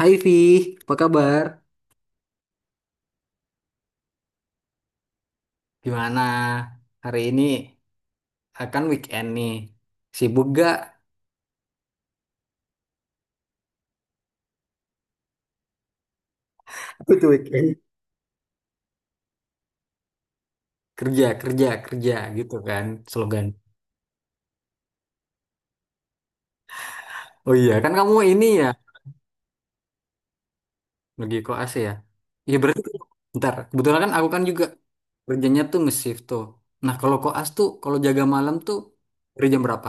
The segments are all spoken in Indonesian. Hai Vi, apa kabar? Gimana hari ini? Akan weekend nih. Sibuk gak? Itu weekend. Kerja, kerja, kerja gitu kan slogan. Oh iya, kan kamu ini ya lagi koas ya. Iya berarti ntar kebetulan aku kan juga kerjanya tuh nge-shift tuh. Nah, kalau koas tuh kalau jaga malam tuh dari jam berapa?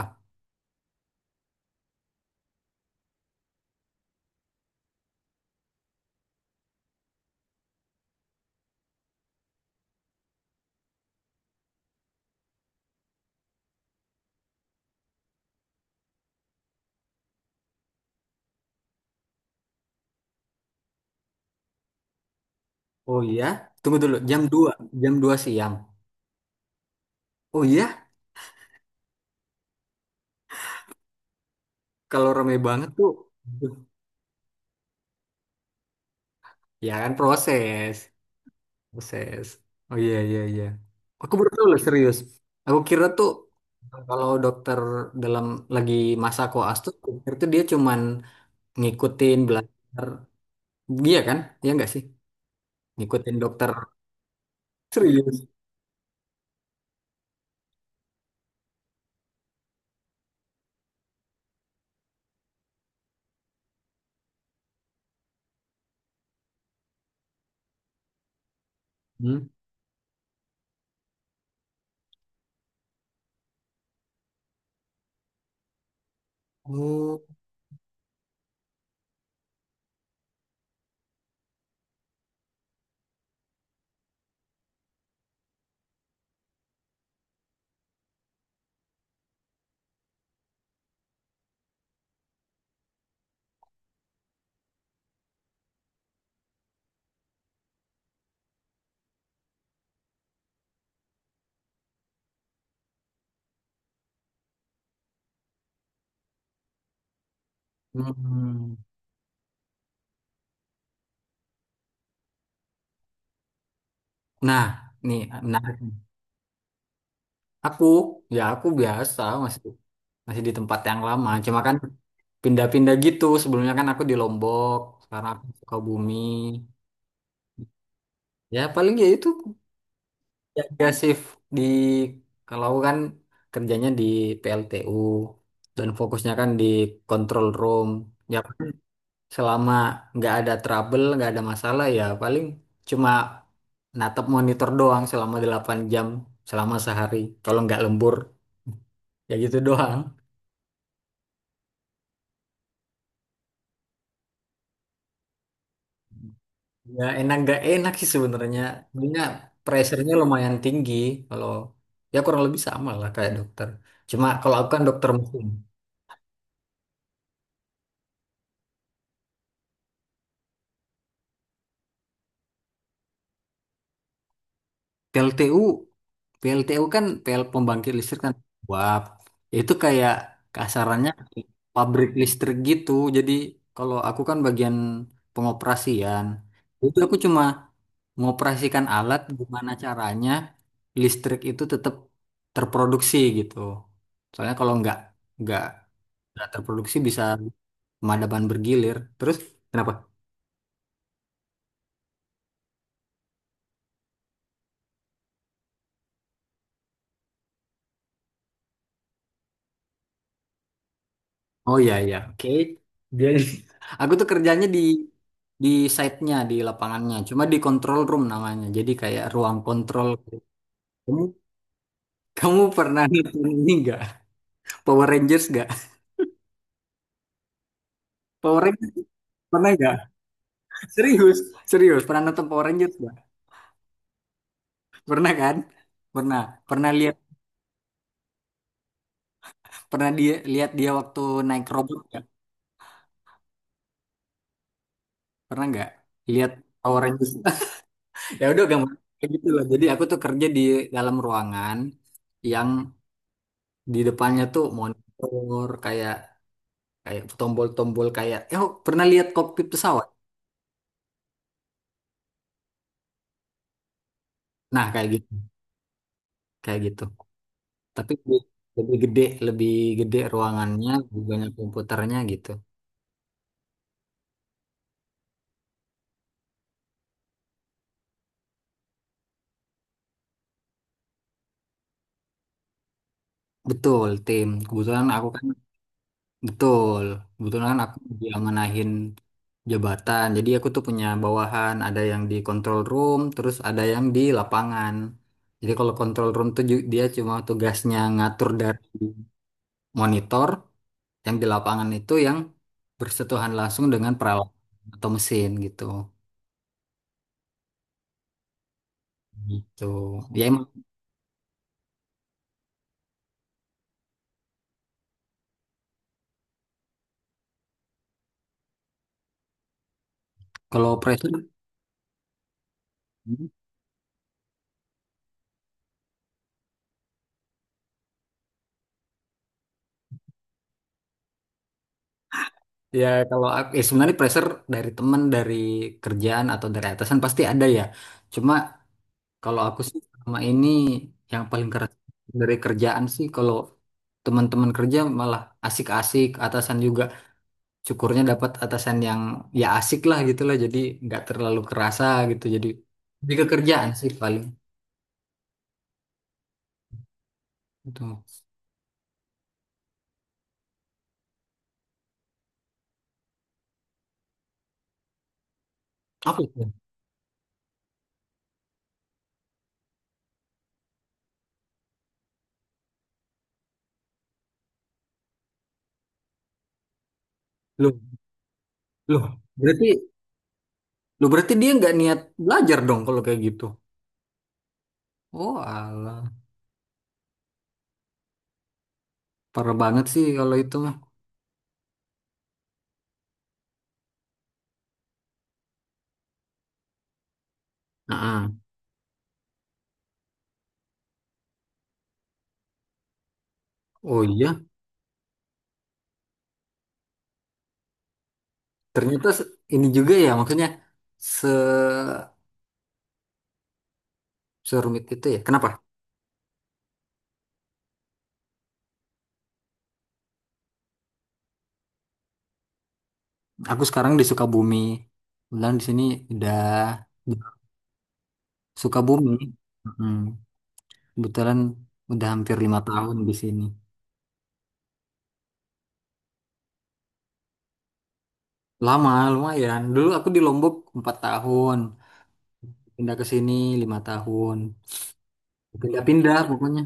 Oh iya, tunggu dulu. Jam 2 siang. Oh iya, kalau rame banget tuh. Ya kan proses. Buset. Oh iya, iya, iya. Aku baru tahu loh serius. Aku kira tuh kalau dokter dalam lagi masa koas tuh, aku kira tuh dia cuman ngikutin belajar dia kan? Iya nggak sih? Ngikutin dokter serius. Hmm? Oh. Hmm. Nah, nih menarik. Nih, aku ya aku biasa masih masih di tempat yang lama. Cuma kan pindah-pindah gitu. Sebelumnya kan aku di Lombok, sekarang aku di Sukabumi. Ya paling ya itu. Ya, ya shift di, kalau aku kan kerjanya di PLTU dan fokusnya kan di control room. Ya paling selama nggak ada trouble, nggak ada masalah ya paling cuma natap monitor doang selama 8 jam selama sehari. Kalau nggak lembur ya gitu doang. Ya enak nggak enak sih sebenarnya. Sebenarnya pressure-nya lumayan tinggi kalau ya kurang lebih sama lah kayak dokter. Cuma kalau aku kan dokter mesin. PLTU PLTU kan PL pembangkit listrik kan uap. Itu kayak kasarannya pabrik listrik gitu. Jadi kalau aku kan bagian pengoperasian. Itu aku cuma mengoperasikan alat gimana caranya listrik itu tetap terproduksi gitu. Soalnya kalau nggak nggak terproduksi bisa pemadaman bergilir. Terus kenapa? Oh iya, iya. Oke. Dia, aku tuh kerjanya di site-nya, di lapangannya. Cuma di control room namanya. Jadi kayak ruang kontrol. Kamu kamu pernah nonton ini nggak? Power Rangers nggak? Power Rangers pernah nggak? Serius, serius. Pernah nonton Power Rangers nggak? Pernah kan? Pernah. Pernah lihat, pernah dia lihat dia waktu naik robot nggak? Pernah nggak? Lihat Power Rangers. Ya udah gampang kayak gitu loh. Jadi aku tuh kerja di dalam ruangan yang di depannya tuh monitor kayak kayak tombol-tombol kayak, "Eh, oh pernah lihat kokpit pesawat, nah kayak gitu, kayak gitu tapi lebih lebih gede, lebih gede ruangannya lebih banyak komputernya gitu. Betul tim, kebetulan aku kan betul, kebetulan kan aku diamanahin jabatan jadi aku tuh punya bawahan ada yang di control room terus ada yang di lapangan. Jadi kalau control room tuh ju- dia cuma tugasnya ngatur dari monitor yang di lapangan itu yang bersentuhan langsung dengan peralatan atau mesin gitu. Gitu. Ya emang kalau pressure ya kalau aku- ya sebenarnya pressure dari teman, dari kerjaan atau dari atasan pasti ada ya. Cuma kalau aku sih selama ini yang paling keras dari kerjaan sih, kalau teman-teman kerja malah asik-asik, atasan juga syukurnya dapat atasan yang ya asik lah gitu lah, jadi nggak terlalu kerasa gitu, jadi lebih ke kerjaan sih paling itu apa. Loh, loh, berarti, loh berarti dia nggak niat belajar dong kalau kayak gitu. Oh alah, parah banget sih kalau itu mah. Nah, oh iya, ternyata se- ini juga ya maksudnya se serumit itu ya. Kenapa? Aku sekarang di Sukabumi. Kebetulan di sini udah Sukabumi. Mm, kebetulan udah hampir 5 tahun di sini. Lama, lumayan. Dulu aku di Lombok 4 tahun, pindah ke sini 5 tahun. Pindah-pindah pokoknya.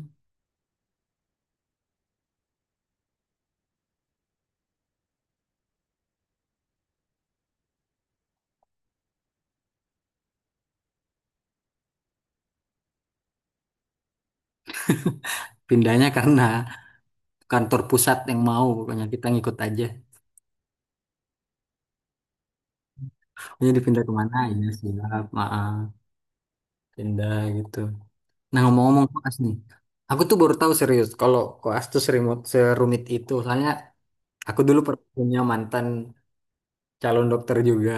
Pindahnya karena kantor pusat yang mau, pokoknya kita ngikut aja. Pokoknya dipindah kemana ya siap, maaf, pindah gitu. Nah ngomong-ngomong koas nih, aku tuh baru tahu serius kalau koas tuh serumit, serumit itu. Soalnya aku dulu pernah punya mantan calon dokter juga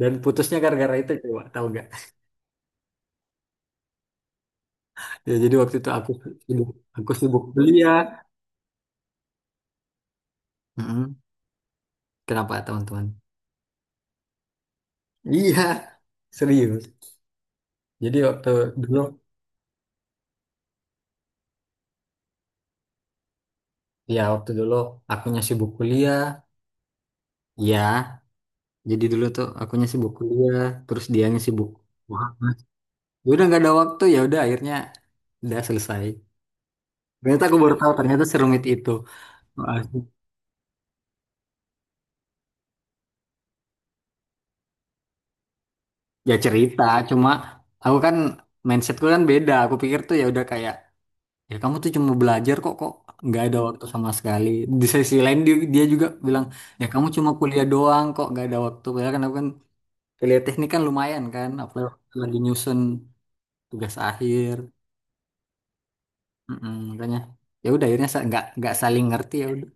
dan putusnya gara-gara itu coba tahu gak? Ya jadi waktu itu sibuk, aku sibuk kuliah. Mm-mm. Kenapa teman-teman? Iya, serius. Jadi waktu dulu, ya waktu dulu akunya sibuk kuliah, ya, jadi dulu tuh akunya sibuk kuliah, terus dianya sibuk. Wah, Mas. Ya udah nggak ada waktu ya udah akhirnya udah selesai. Ternyata aku baru tahu ternyata serumit itu. Wah, ya cerita, cuma aku kan mindsetku kan beda. Aku pikir tuh ya udah kayak ya kamu tuh cuma belajar kok kok nggak ada waktu sama sekali. Di sisi lain dia juga bilang ya kamu cuma kuliah doang kok nggak ada waktu. Padahal aku kan kuliah teknik kan lumayan kan, apalagi lagi nyusun tugas akhir. Mm-mm, makanya ya udah akhirnya sa- nggak saling ngerti ya udah.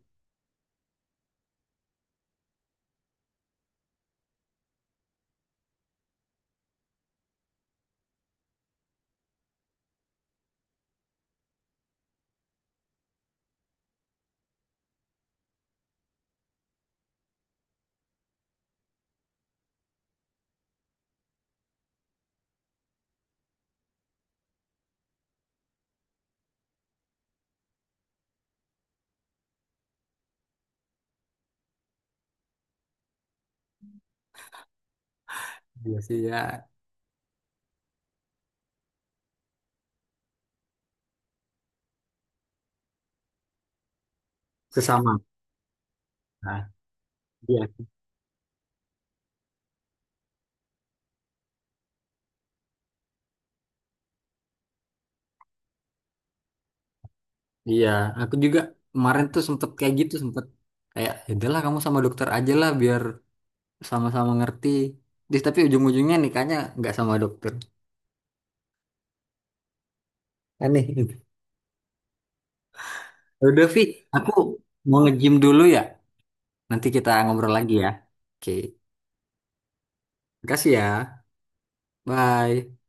Iya sih ya sesama. Nah, iya, iya aku juga kemarin tuh sempet kayak gitu sempet kayak, "Ya udahlah kamu sama dokter aja lah biar sama-sama ngerti Dis, tapi ujung-ujungnya nikahnya nggak sama dokter aneh gitu. Ya udah Vi, aku mau nge-gym dulu ya, nanti kita ngobrol lagi ya. Oke, makasih ya. Bye.